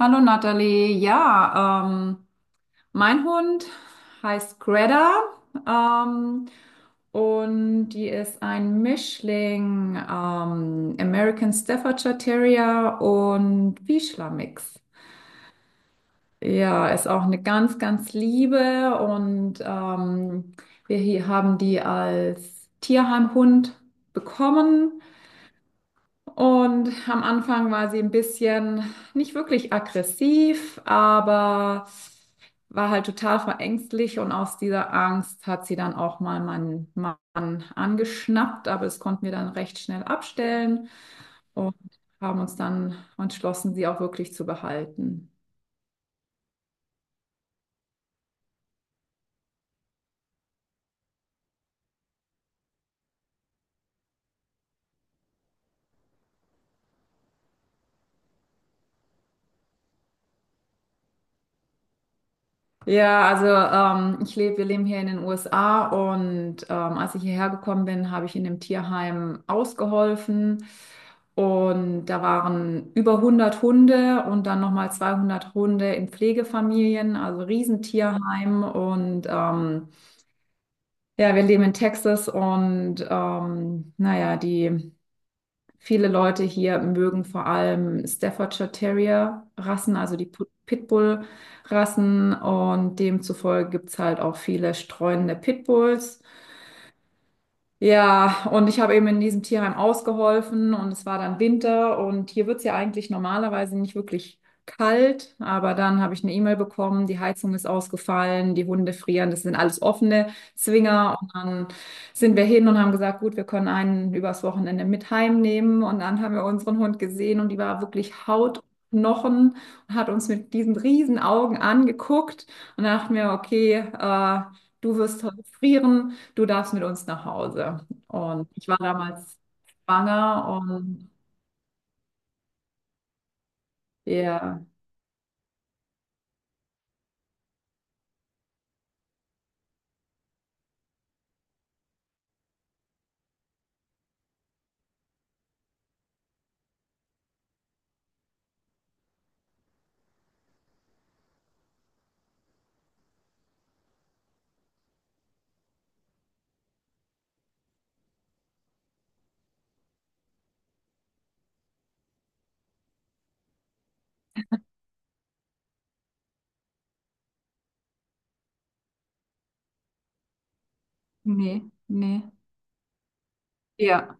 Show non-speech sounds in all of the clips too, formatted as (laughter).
Hallo Nathalie, ja, mein Hund heißt Greta ähm, und die ist ein Mischling American Staffordshire Terrier und Vizsla Mix. Ja, ist auch eine ganz, ganz liebe und wir hier haben die als Tierheimhund bekommen. Und am Anfang war sie ein bisschen nicht wirklich aggressiv, aber war halt total verängstigt und aus dieser Angst hat sie dann auch mal meinen Mann angeschnappt, aber das konnten wir dann recht schnell abstellen und haben uns dann entschlossen, sie auch wirklich zu behalten. Ja, also ich lebe, wir leben hier in den USA und als ich hierher gekommen bin, habe ich in dem Tierheim ausgeholfen und da waren über 100 Hunde und dann nochmal 200 Hunde in Pflegefamilien, also Riesentierheim und ja, wir leben in Texas und naja, die viele Leute hier mögen vor allem Staffordshire Terrier Rassen, also die Pitbull Rassen und demzufolge gibt es halt auch viele streunende Pitbulls. Ja, und ich habe eben in diesem Tierheim ausgeholfen und es war dann Winter und hier wird's ja eigentlich normalerweise nicht wirklich kalt, aber dann habe ich eine E-Mail bekommen, die Heizung ist ausgefallen, die Hunde frieren, das sind alles offene Zwinger. Und dann sind wir hin und haben gesagt, gut, wir können einen übers Wochenende mit heimnehmen, und dann haben wir unseren Hund gesehen und die war wirklich Haut und Knochen und hat uns mit diesen riesen Augen angeguckt, und dann dachten wir, okay, du wirst heute frieren, du darfst mit uns nach Hause. Und ich war damals schwanger und ja, nee, nee, ja.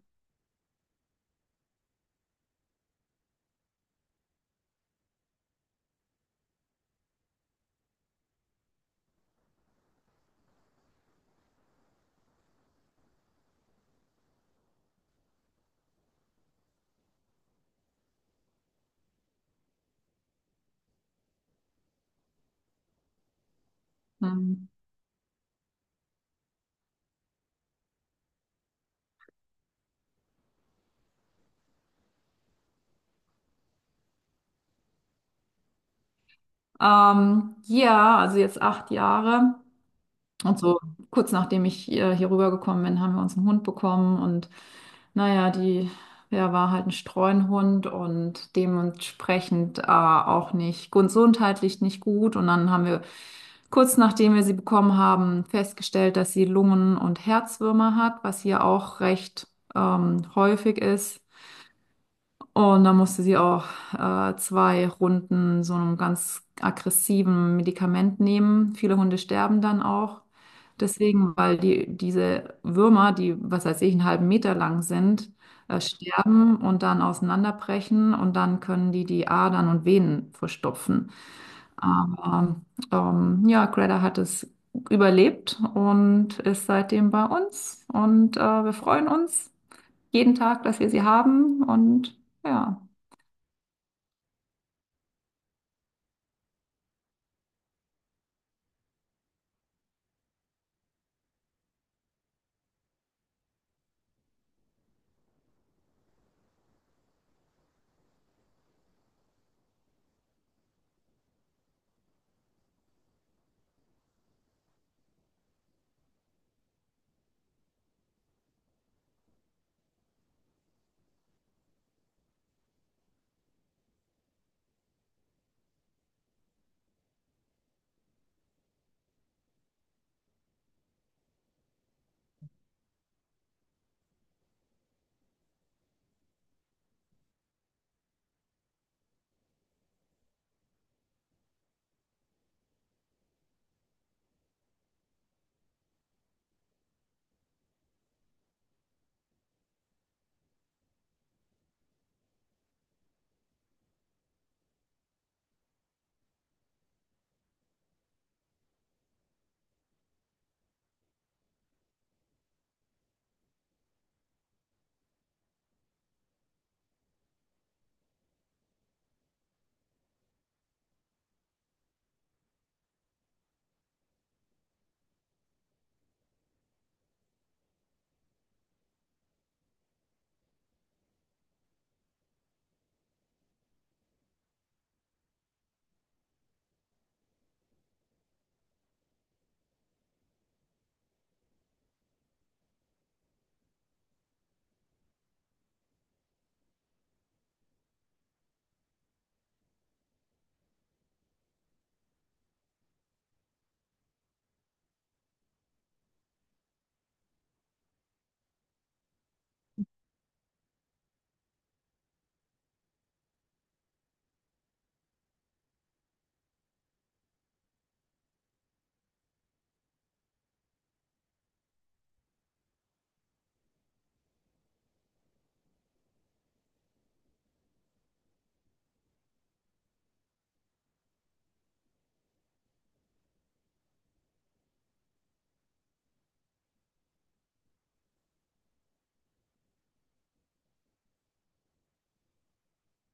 hm. Ja, also jetzt 8 Jahre. Und so kurz nachdem ich hier rübergekommen bin, haben wir uns einen Hund bekommen und naja, die, der war halt ein Streunhund und dementsprechend auch nicht gesundheitlich nicht gut. Und dann haben wir kurz nachdem wir sie bekommen haben, festgestellt, dass sie Lungen- und Herzwürmer hat, was hier auch recht häufig ist. Und dann musste sie auch zwei Runden so einem ganz aggressiven Medikament nehmen. Viele Hunde sterben dann auch. Deswegen, weil die, diese Würmer, die, was weiß ich, einen halben Meter lang sind, sterben und dann auseinanderbrechen und dann können die die Adern und Venen verstopfen. Aber ja, Greta hat es überlebt und ist seitdem bei uns und wir freuen uns jeden Tag, dass wir sie haben und ja.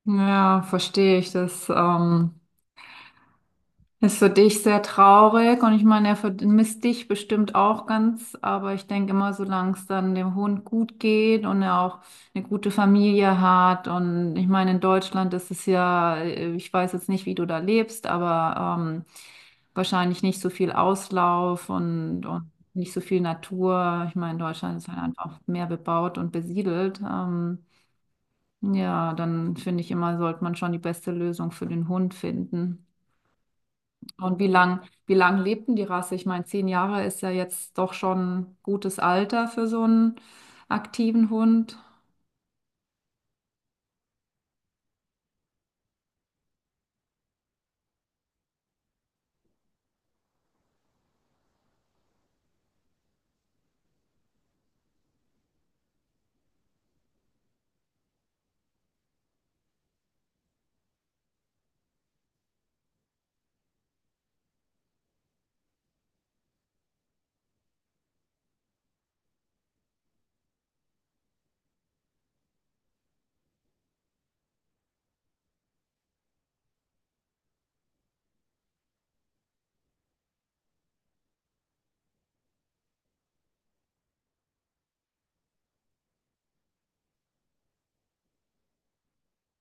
Ja, verstehe ich. Das ist für dich sehr traurig und ich meine, er vermisst dich bestimmt auch ganz, aber ich denke immer, solange es dann dem Hund gut geht und er auch eine gute Familie hat. Und ich meine, in Deutschland ist es ja, ich weiß jetzt nicht, wie du da lebst, aber wahrscheinlich nicht so viel Auslauf und nicht so viel Natur. Ich meine, Deutschland ist halt einfach mehr bebaut und besiedelt. Ja, dann finde ich immer, sollte man schon die beste Lösung für den Hund finden. Und wie lang lebt denn die Rasse? Ich meine, 10 Jahre ist ja jetzt doch schon gutes Alter für so einen aktiven Hund.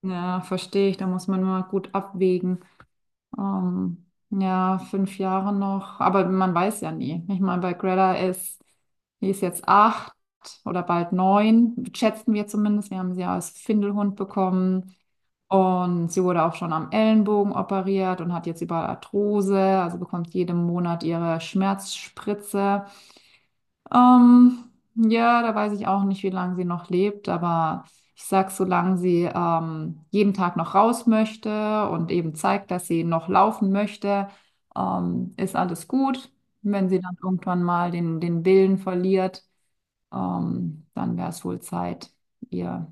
Ja, verstehe ich. Da muss man mal gut abwägen. Ja, 5 Jahre noch. Aber man weiß ja nie. Ich meine, bei Greta ist, die ist jetzt acht oder bald neun, schätzen wir zumindest. Wir haben sie als Findelhund bekommen. Und sie wurde auch schon am Ellenbogen operiert und hat jetzt überall Arthrose, also bekommt jeden Monat ihre Schmerzspritze. Ähm, ja, da weiß ich auch nicht, wie lange sie noch lebt, aber ich sag, solange sie jeden Tag noch raus möchte und eben zeigt, dass sie noch laufen möchte, ist alles gut. Wenn sie dann irgendwann mal den, den Willen verliert, dann wäre es wohl Zeit, ihr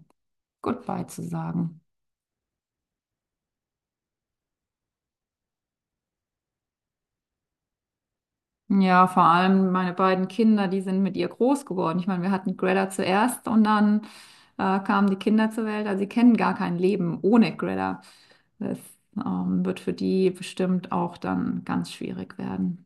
Goodbye zu sagen. Ja, vor allem meine beiden Kinder, die sind mit ihr groß geworden. Ich meine, wir hatten Greta zuerst und dann kamen die Kinder zur Welt. Also sie kennen gar kein Leben ohne Greta. Das wird für die bestimmt auch dann ganz schwierig werden.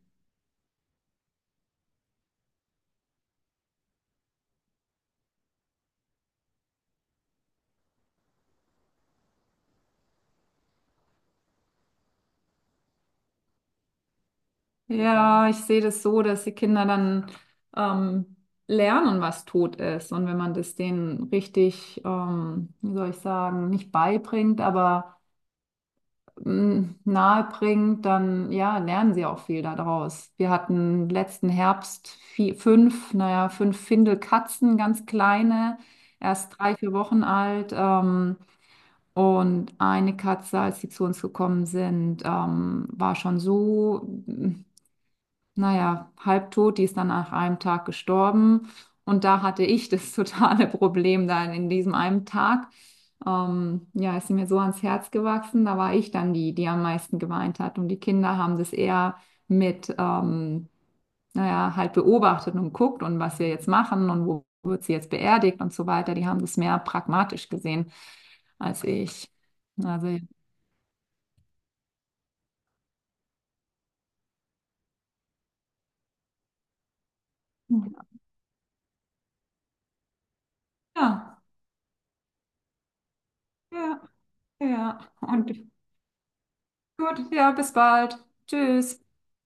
Ja, ich sehe das so, dass die Kinder dann ähm, lernen, was Tod ist. Und wenn man das denen richtig, wie soll ich sagen, nicht beibringt, aber m, nahe bringt, dann ja, lernen sie auch viel daraus. Wir hatten letzten Herbst fünf, naja, fünf Findelkatzen, ganz kleine, erst 3, 4 Wochen alt. Und eine Katze, als sie zu uns gekommen sind, war schon so. Hm, naja, halbtot, die ist dann nach einem Tag gestorben. Und da hatte ich das (laughs) totale Problem dann in diesem einen Tag. Ja, ist sie mir so ans Herz gewachsen. Da war ich dann die, die am meisten geweint hat. Und die Kinder haben das eher mit, naja, halt beobachtet und guckt und was wir jetzt machen und wo wird sie jetzt beerdigt und so weiter. Die haben das mehr pragmatisch gesehen als ich. Also, ja, ja, ja. ja. Und gut, ja, bis bald. Tschüss.